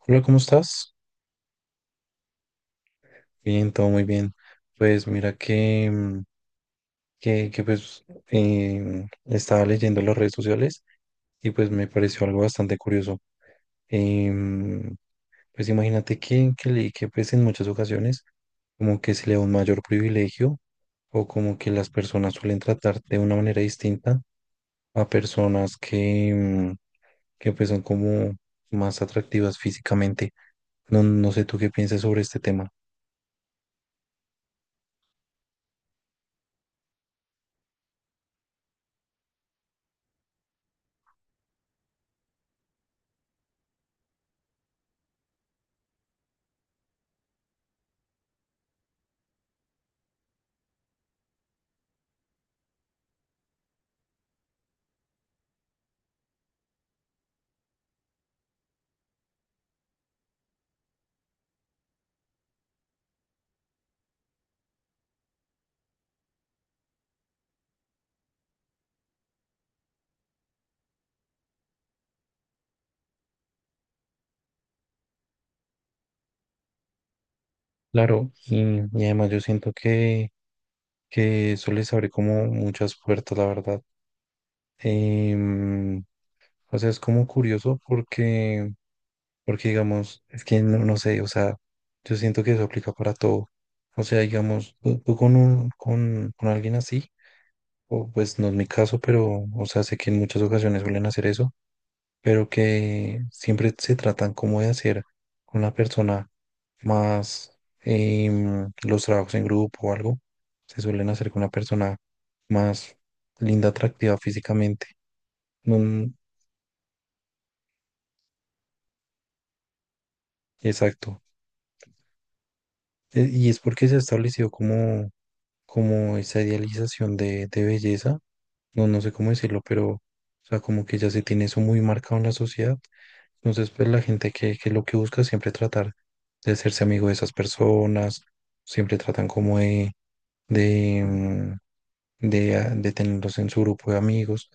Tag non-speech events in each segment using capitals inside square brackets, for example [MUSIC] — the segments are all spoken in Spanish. Hola, ¿cómo estás? Bien, todo muy bien. Pues mira que estaba leyendo las redes sociales y pues me pareció algo bastante curioso. Em, pues imagínate que leí que pues en muchas ocasiones como que se le da un mayor privilegio o como que las personas suelen tratar de una manera distinta a personas que que pues son como más atractivas físicamente. No sé tú qué piensas sobre este tema. Claro, y además yo siento que eso les abre como muchas puertas, la verdad. Em, o sea, es como curioso porque digamos, es que no sé, o sea, yo siento que eso aplica para todo. O sea, digamos, tú con con alguien así, o pues no es mi caso, pero, o sea, sé que en muchas ocasiones suelen hacer eso pero que siempre se tratan como de hacer con la persona más los trabajos en grupo o algo, se suelen hacer con una persona más linda, atractiva físicamente. No, exacto. Y es porque se ha establecido como, como esa idealización de belleza, no sé cómo decirlo, pero o sea, como que ya se tiene eso muy marcado en la sociedad. Entonces, pues la gente que lo que busca es siempre tratar de hacerse amigo de esas personas, siempre tratan como de, mm, de tenerlos en su grupo de amigos,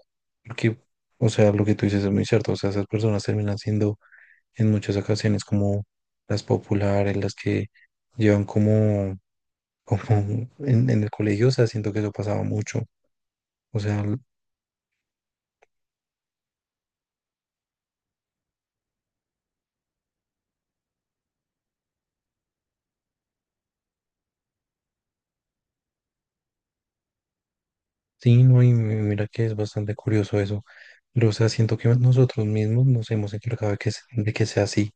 porque, o sea, lo que tú dices es muy cierto, o sea, esas personas terminan siendo en muchas ocasiones como las populares, las que llevan como, como [LAUGHS] en el colegio, o sea, siento que eso pasaba mucho, o sea, sí, no, y mira que es bastante curioso eso. Pero, o sea, siento que nosotros mismos nos hemos encargado de de que sea así.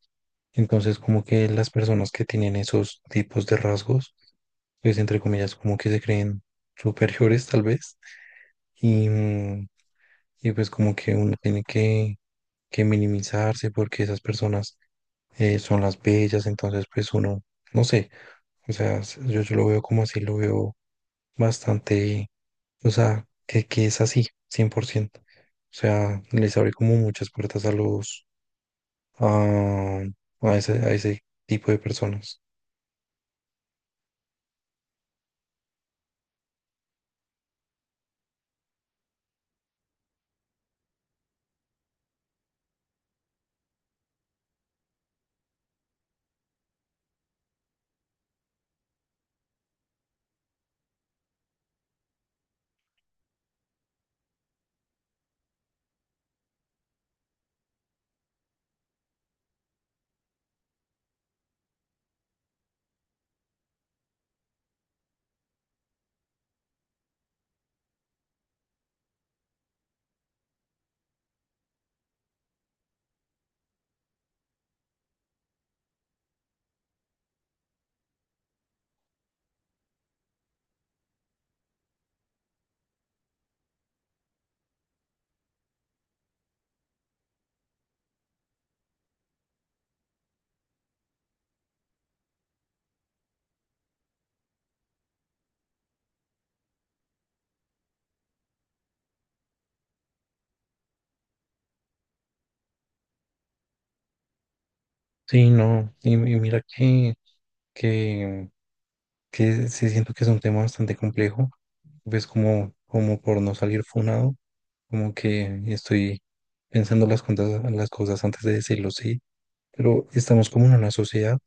Entonces, como que las personas que tienen esos tipos de rasgos, pues entre comillas, como que se creen superiores tal vez. Y pues como que uno tiene que minimizarse porque esas personas son las bellas, entonces pues uno, no sé, o sea, yo lo veo como así, lo veo bastante, o sea, que es así, cien por ciento. O sea, les abre como muchas puertas a a, a ese tipo de personas. Sí, no, y mira que que sí siento que es un tema bastante complejo, pues como, como por no salir funado, como que estoy pensando las cosas antes de decirlo, sí, pero estamos como en una sociedad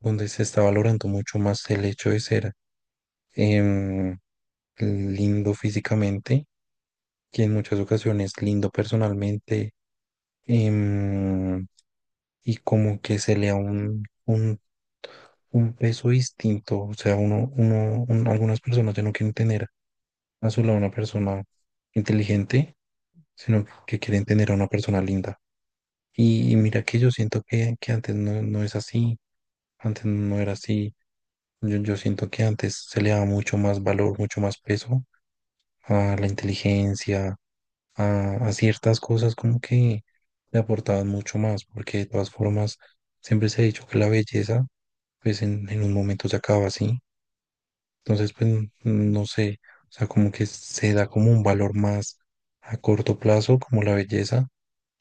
donde se está valorando mucho más el hecho de ser em, lindo físicamente que en muchas ocasiones lindo personalmente, em, y como que se le da un peso distinto. O sea, algunas personas ya no quieren tener a su lado una persona inteligente, sino que quieren tener a una persona linda. Y mira que yo siento que antes no, no es así, antes no era así. Yo siento que antes se le daba mucho más valor, mucho más peso a la inteligencia, a ciertas cosas como que le aportaban mucho más, porque de todas formas siempre se ha dicho que la belleza pues en un momento se acaba sí. Entonces, pues no sé, o sea, como que se da como un valor más a corto plazo, como la belleza,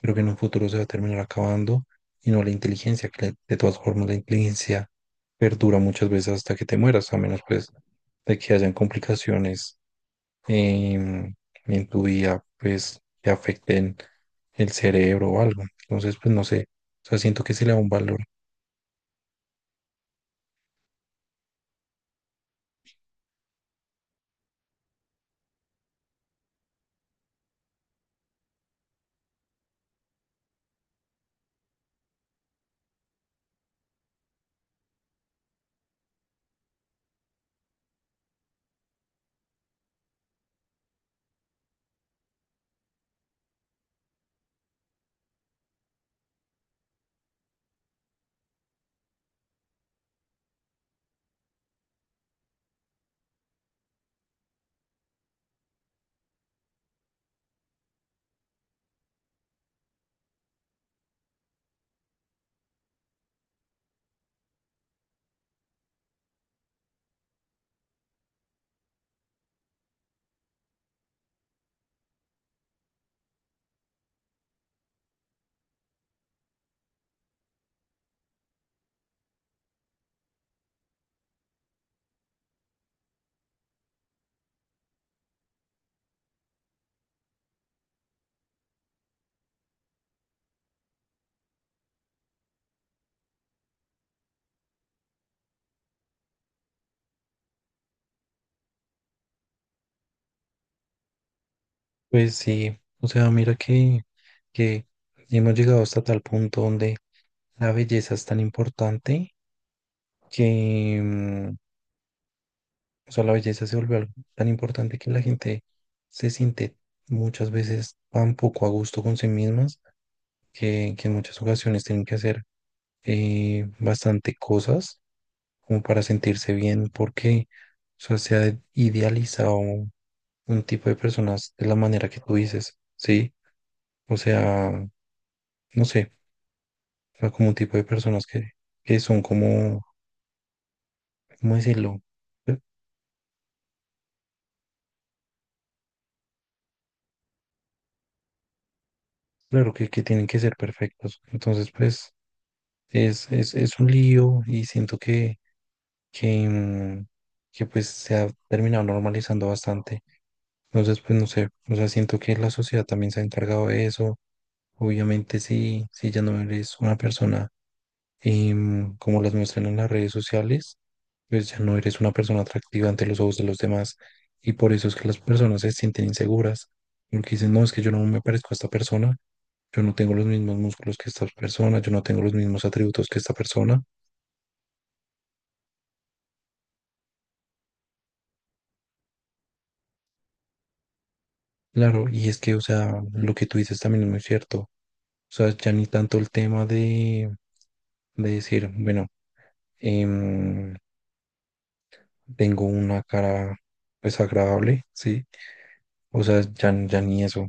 pero que en un futuro se va a terminar acabando, y no la inteligencia, de todas formas la inteligencia perdura muchas veces hasta que te mueras, a menos pues de que hayan complicaciones em, en tu vida, pues te afecten el cerebro o algo. Entonces, pues no sé, o sea, siento que se le da un valor. Pues sí, o sea, mira que hemos llegado hasta tal punto donde la belleza es tan importante que, mm, o sea, la belleza se vuelve algo tan importante que la gente se siente muchas veces tan poco a gusto con sí mismas que en muchas ocasiones tienen que hacer bastante cosas como para sentirse bien, porque o sea, se ha idealizado un tipo de personas de la manera que tú dices, ¿sí? O sea, no sé, o sea, como un tipo de personas que son como, ¿cómo decirlo? Pues, claro que tienen que ser perfectos. Entonces, pues, es un lío y siento que, mm, que pues se ha terminado normalizando bastante. Entonces, pues no sé, o sea, siento que la sociedad también se ha encargado de eso. Obviamente, si ya no eres una persona como las muestran en las redes sociales, pues ya no eres una persona atractiva ante los ojos de los demás. Y por eso es que las personas se sienten inseguras, porque dicen, no, es que yo no me parezco a esta persona, yo no tengo los mismos músculos que esta persona, yo no tengo los mismos atributos que esta persona. Claro, y es que, o sea, lo que tú dices también es muy cierto. O sea, ya ni tanto el tema de decir, bueno, em, tengo una cara desagradable, ¿sí? O sea, ya ni eso.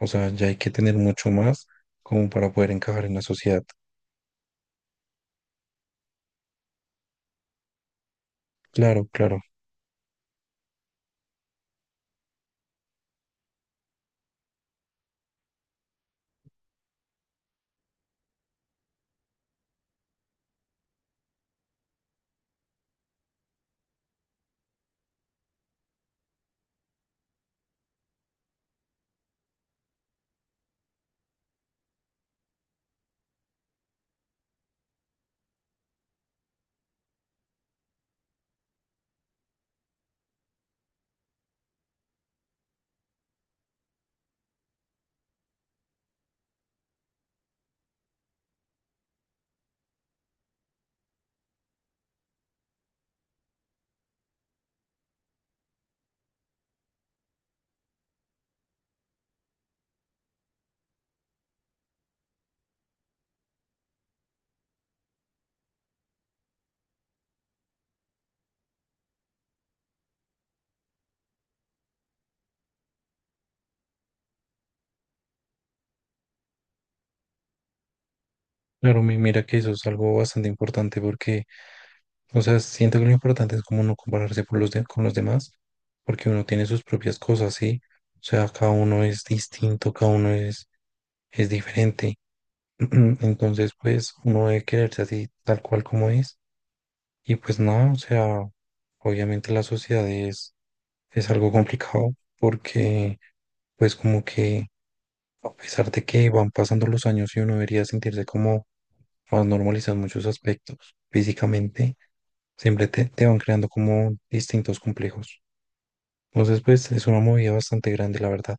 O sea, ya hay que tener mucho más como para poder encajar en la sociedad. Claro, claro, claro, mira que eso es algo bastante importante porque, o sea, siento que lo importante es como no compararse con los demás, porque uno tiene sus propias cosas, ¿sí? O sea, cada uno es distinto, cada uno es diferente. [CLEARS THROAT] Entonces, pues, uno debe quererse así tal cual como es. Y pues nada, o sea, obviamente la sociedad es algo complicado, porque pues como que a pesar de que van pasando los años y uno debería sentirse como más normalizado en muchos aspectos físicamente, siempre te van creando como distintos complejos. Entonces, pues es una movida bastante grande, la verdad.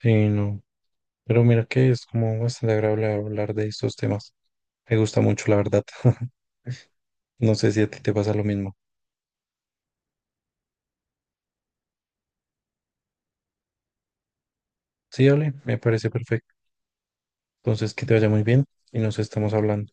Sí, no. Pero mira que es como bastante agradable hablar de estos temas. Me gusta mucho, la verdad. [LAUGHS] No sé si a ti te pasa lo mismo. Sí, Ale, me parece perfecto. Entonces, que te vaya muy bien y nos estamos hablando.